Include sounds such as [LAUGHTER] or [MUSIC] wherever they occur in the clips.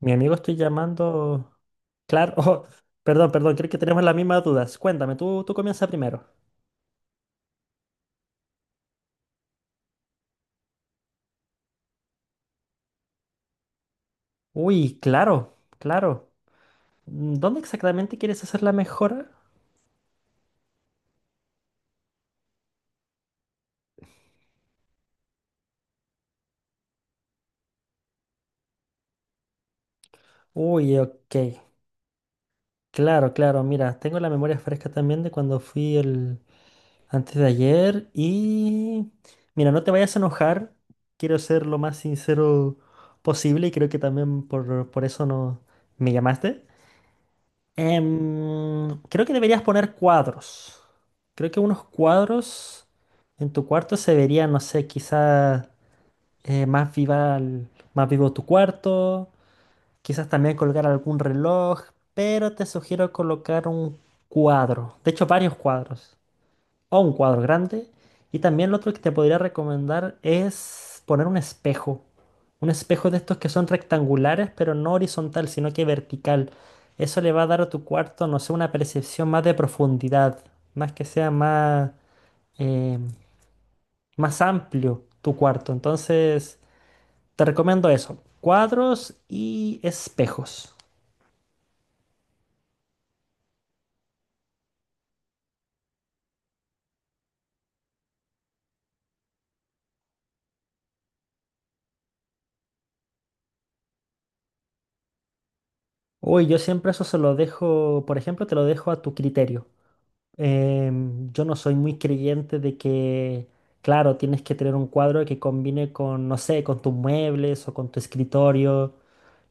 Mi amigo estoy llamando. Claro, [LAUGHS] oh, perdón, perdón, creo que tenemos las mismas dudas. Cuéntame, tú comienza primero. Uy, claro, claro. Mm, ¿dónde exactamente quieres hacer la mejora? Uy, ok. Claro, claro, mira, tengo la memoria fresca también de cuando fui el antes de ayer y mira, no te vayas a enojar. Quiero ser lo más sincero posible y creo que también por eso no me llamaste. Creo que deberías poner cuadros. Creo que unos cuadros en tu cuarto se verían, no sé, quizás más viva, más vivo tu cuarto. Quizás también colgar algún reloj, pero te sugiero colocar un cuadro. De hecho, varios cuadros o un cuadro grande. Y también lo otro que te podría recomendar es poner un espejo. Un espejo de estos que son rectangulares, pero no horizontal, sino que vertical. Eso le va a dar a tu cuarto, no sé, una percepción más de profundidad, más que sea más, eh, más amplio tu cuarto. Entonces, te recomiendo eso, cuadros y espejos. Uy, yo siempre eso se lo dejo, por ejemplo, te lo dejo a tu criterio. Yo no soy muy creyente de que, claro, tienes que tener un cuadro que combine con, no sé, con tus muebles o con tu escritorio.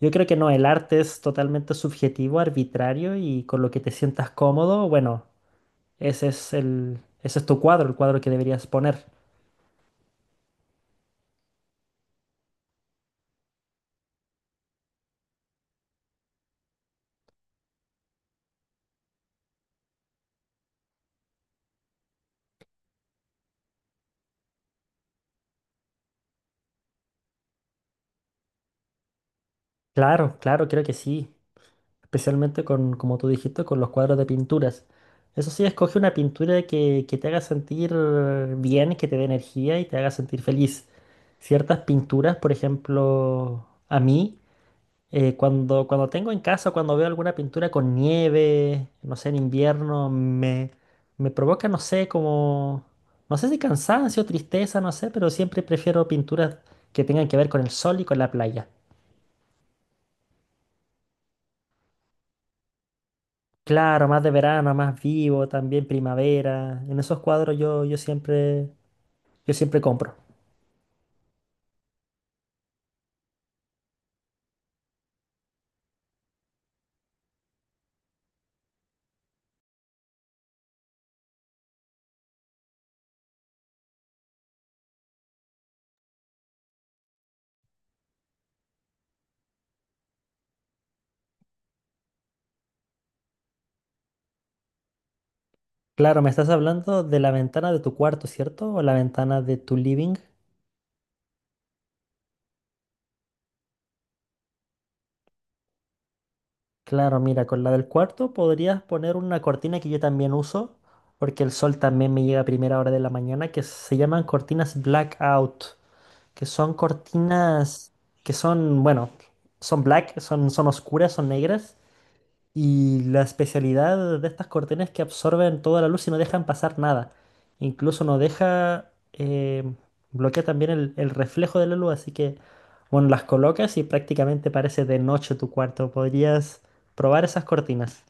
Yo creo que no, el arte es totalmente subjetivo, arbitrario y con lo que te sientas cómodo, bueno, ese es el, ese es tu cuadro, el cuadro que deberías poner. Claro, claro, creo que sí. Especialmente con, como tú dijiste, con los cuadros de pinturas. Eso sí, escoge una pintura que te haga sentir bien, que te dé energía y te haga sentir feliz. Ciertas pinturas, por ejemplo, a mí, cuando tengo en casa, cuando veo alguna pintura con nieve, no sé, en invierno, me provoca, no sé, como, no sé si cansancio, tristeza, no sé, pero siempre prefiero pinturas que tengan que ver con el sol y con la playa. Claro, más de verano, más vivo, también primavera. En esos cuadros yo siempre, yo siempre compro. Claro, me estás hablando de la ventana de tu cuarto, ¿cierto? O la ventana de tu living. Claro, mira, con la del cuarto podrías poner una cortina que yo también uso, porque el sol también me llega a primera hora de la mañana, que se llaman cortinas blackout, que son cortinas que son, bueno, son black, son, son oscuras, son negras. Y la especialidad de estas cortinas es que absorben toda la luz y no dejan pasar nada. Incluso no deja, bloquea también el reflejo de la luz. Así que, bueno, las colocas y prácticamente parece de noche tu cuarto. Podrías probar esas cortinas.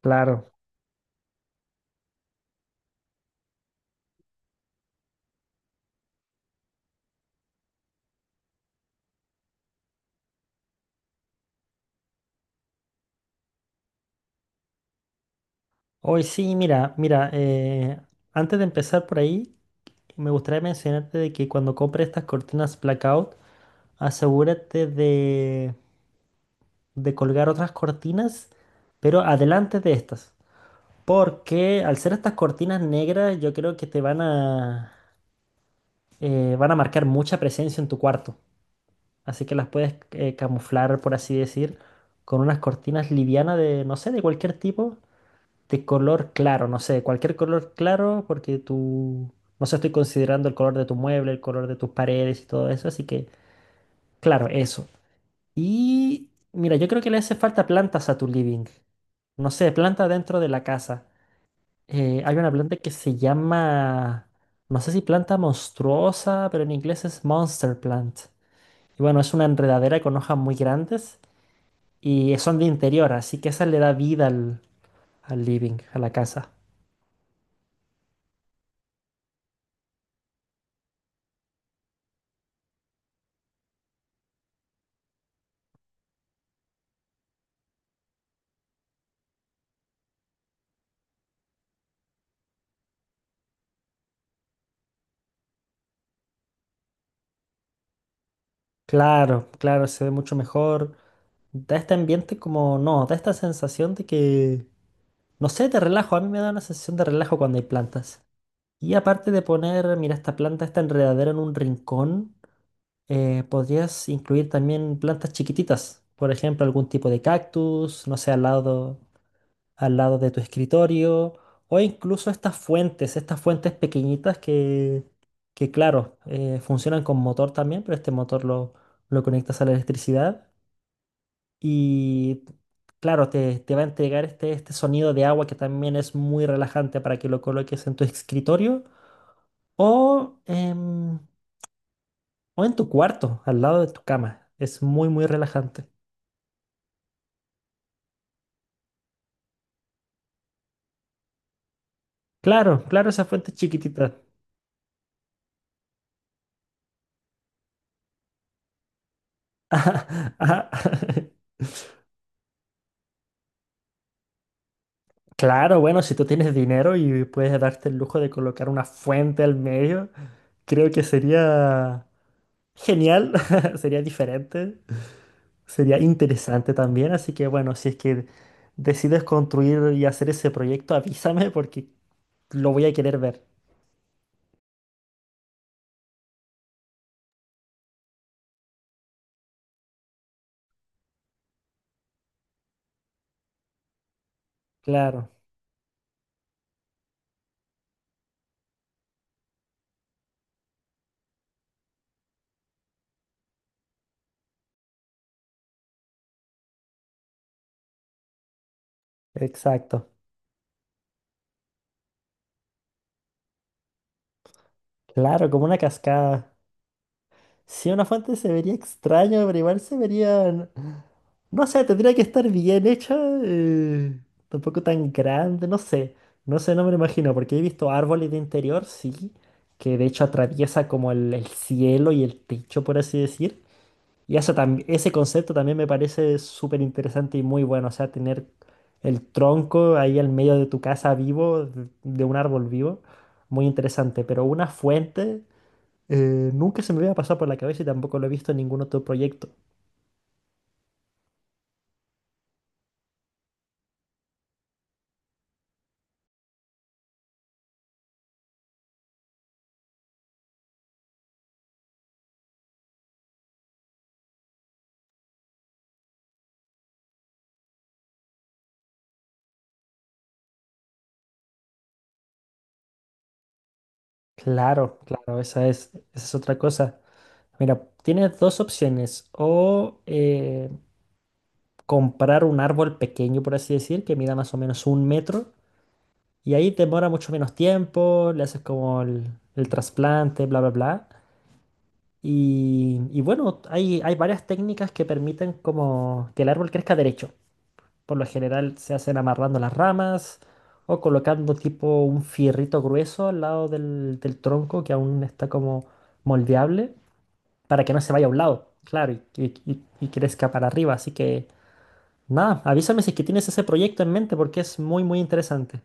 Claro. Hoy sí, mira, mira, antes de empezar por ahí, me gustaría mencionarte de que cuando compres estas cortinas blackout, asegúrate de colgar otras cortinas, pero adelante de estas. Porque al ser estas cortinas negras, yo creo que te van a, van a marcar mucha presencia en tu cuarto. Así que las puedes camuflar, por así decir, con unas cortinas livianas de, no sé, de cualquier tipo, de color claro, no sé, cualquier color claro, porque tú, no sé, estoy considerando el color de tu mueble, el color de tus paredes y todo eso. Así que, claro, eso. Y mira, yo creo que le hace falta plantas a tu living. No sé, planta dentro de la casa. Hay una planta que se llama, no sé si planta monstruosa, pero en inglés es monster plant. Y bueno, es una enredadera con hojas muy grandes y son de interior, así que esa le da vida al, al living, a la casa. Claro, claro, se ve mucho mejor. Da este ambiente como, no, da esta sensación de que, no sé, de relajo. A mí me da una sensación de relajo cuando hay plantas. Y aparte de poner, mira, esta planta, esta enredadera en un rincón. Podrías incluir también plantas chiquititas, por ejemplo, algún tipo de cactus, no sé, al lado de tu escritorio, o incluso estas fuentes pequeñitas que claro, funcionan con motor también, pero este motor lo conectas a la electricidad y, claro, te va a entregar este, este sonido de agua que también es muy relajante para que lo coloques en tu escritorio o, o en tu cuarto, al lado de tu cama. Es muy, muy relajante. Claro, claro, esa fuente chiquitita. [LAUGHS] Ajá, ajá. [LAUGHS] Claro, bueno, si tú tienes dinero y puedes darte el lujo de colocar una fuente al medio, creo que sería genial, [LAUGHS] sería diferente, sería interesante también. Así que bueno, si es que decides construir y hacer ese proyecto, avísame porque lo voy a querer ver. Claro, exacto. Claro, como una cascada. Si una fuente se vería extraño, pero igual se vería... No sé, tendría que estar bien hecha, eh, tampoco tan grande, no sé, no sé, no me lo imagino, porque he visto árboles de interior, sí, que de hecho atraviesa como el cielo y el techo, por así decir. Y eso ese concepto también me parece súper interesante y muy bueno, o sea, tener el tronco ahí al medio de tu casa vivo, de un árbol vivo, muy interesante, pero una fuente... Nunca se me había pasado por la cabeza y tampoco lo he visto en ningún otro proyecto. Claro, claro, esa es otra cosa. Mira, tienes dos opciones. O comprar un árbol pequeño, por así decir, que mida más o menos un metro. Y ahí demora mucho menos tiempo, le haces como el trasplante, bla, bla, bla. Y bueno, hay varias técnicas que permiten como que el árbol crezca derecho. Por lo general se hacen amarrando las ramas o colocando tipo un fierrito grueso al lado del, del tronco que aún está como moldeable para que no se vaya a un lado, claro, y crezca para arriba. Así que nada, avísame si es que tienes ese proyecto en mente porque es muy, muy interesante.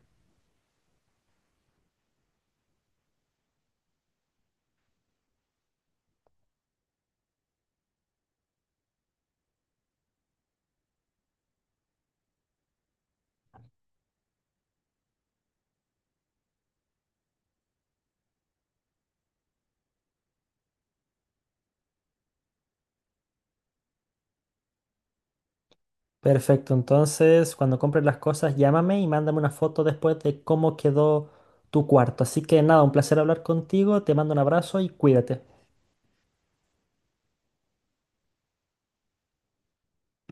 Perfecto, entonces cuando compres las cosas llámame y mándame una foto después de cómo quedó tu cuarto. Así que nada, un placer hablar contigo, te mando un abrazo y cuídate.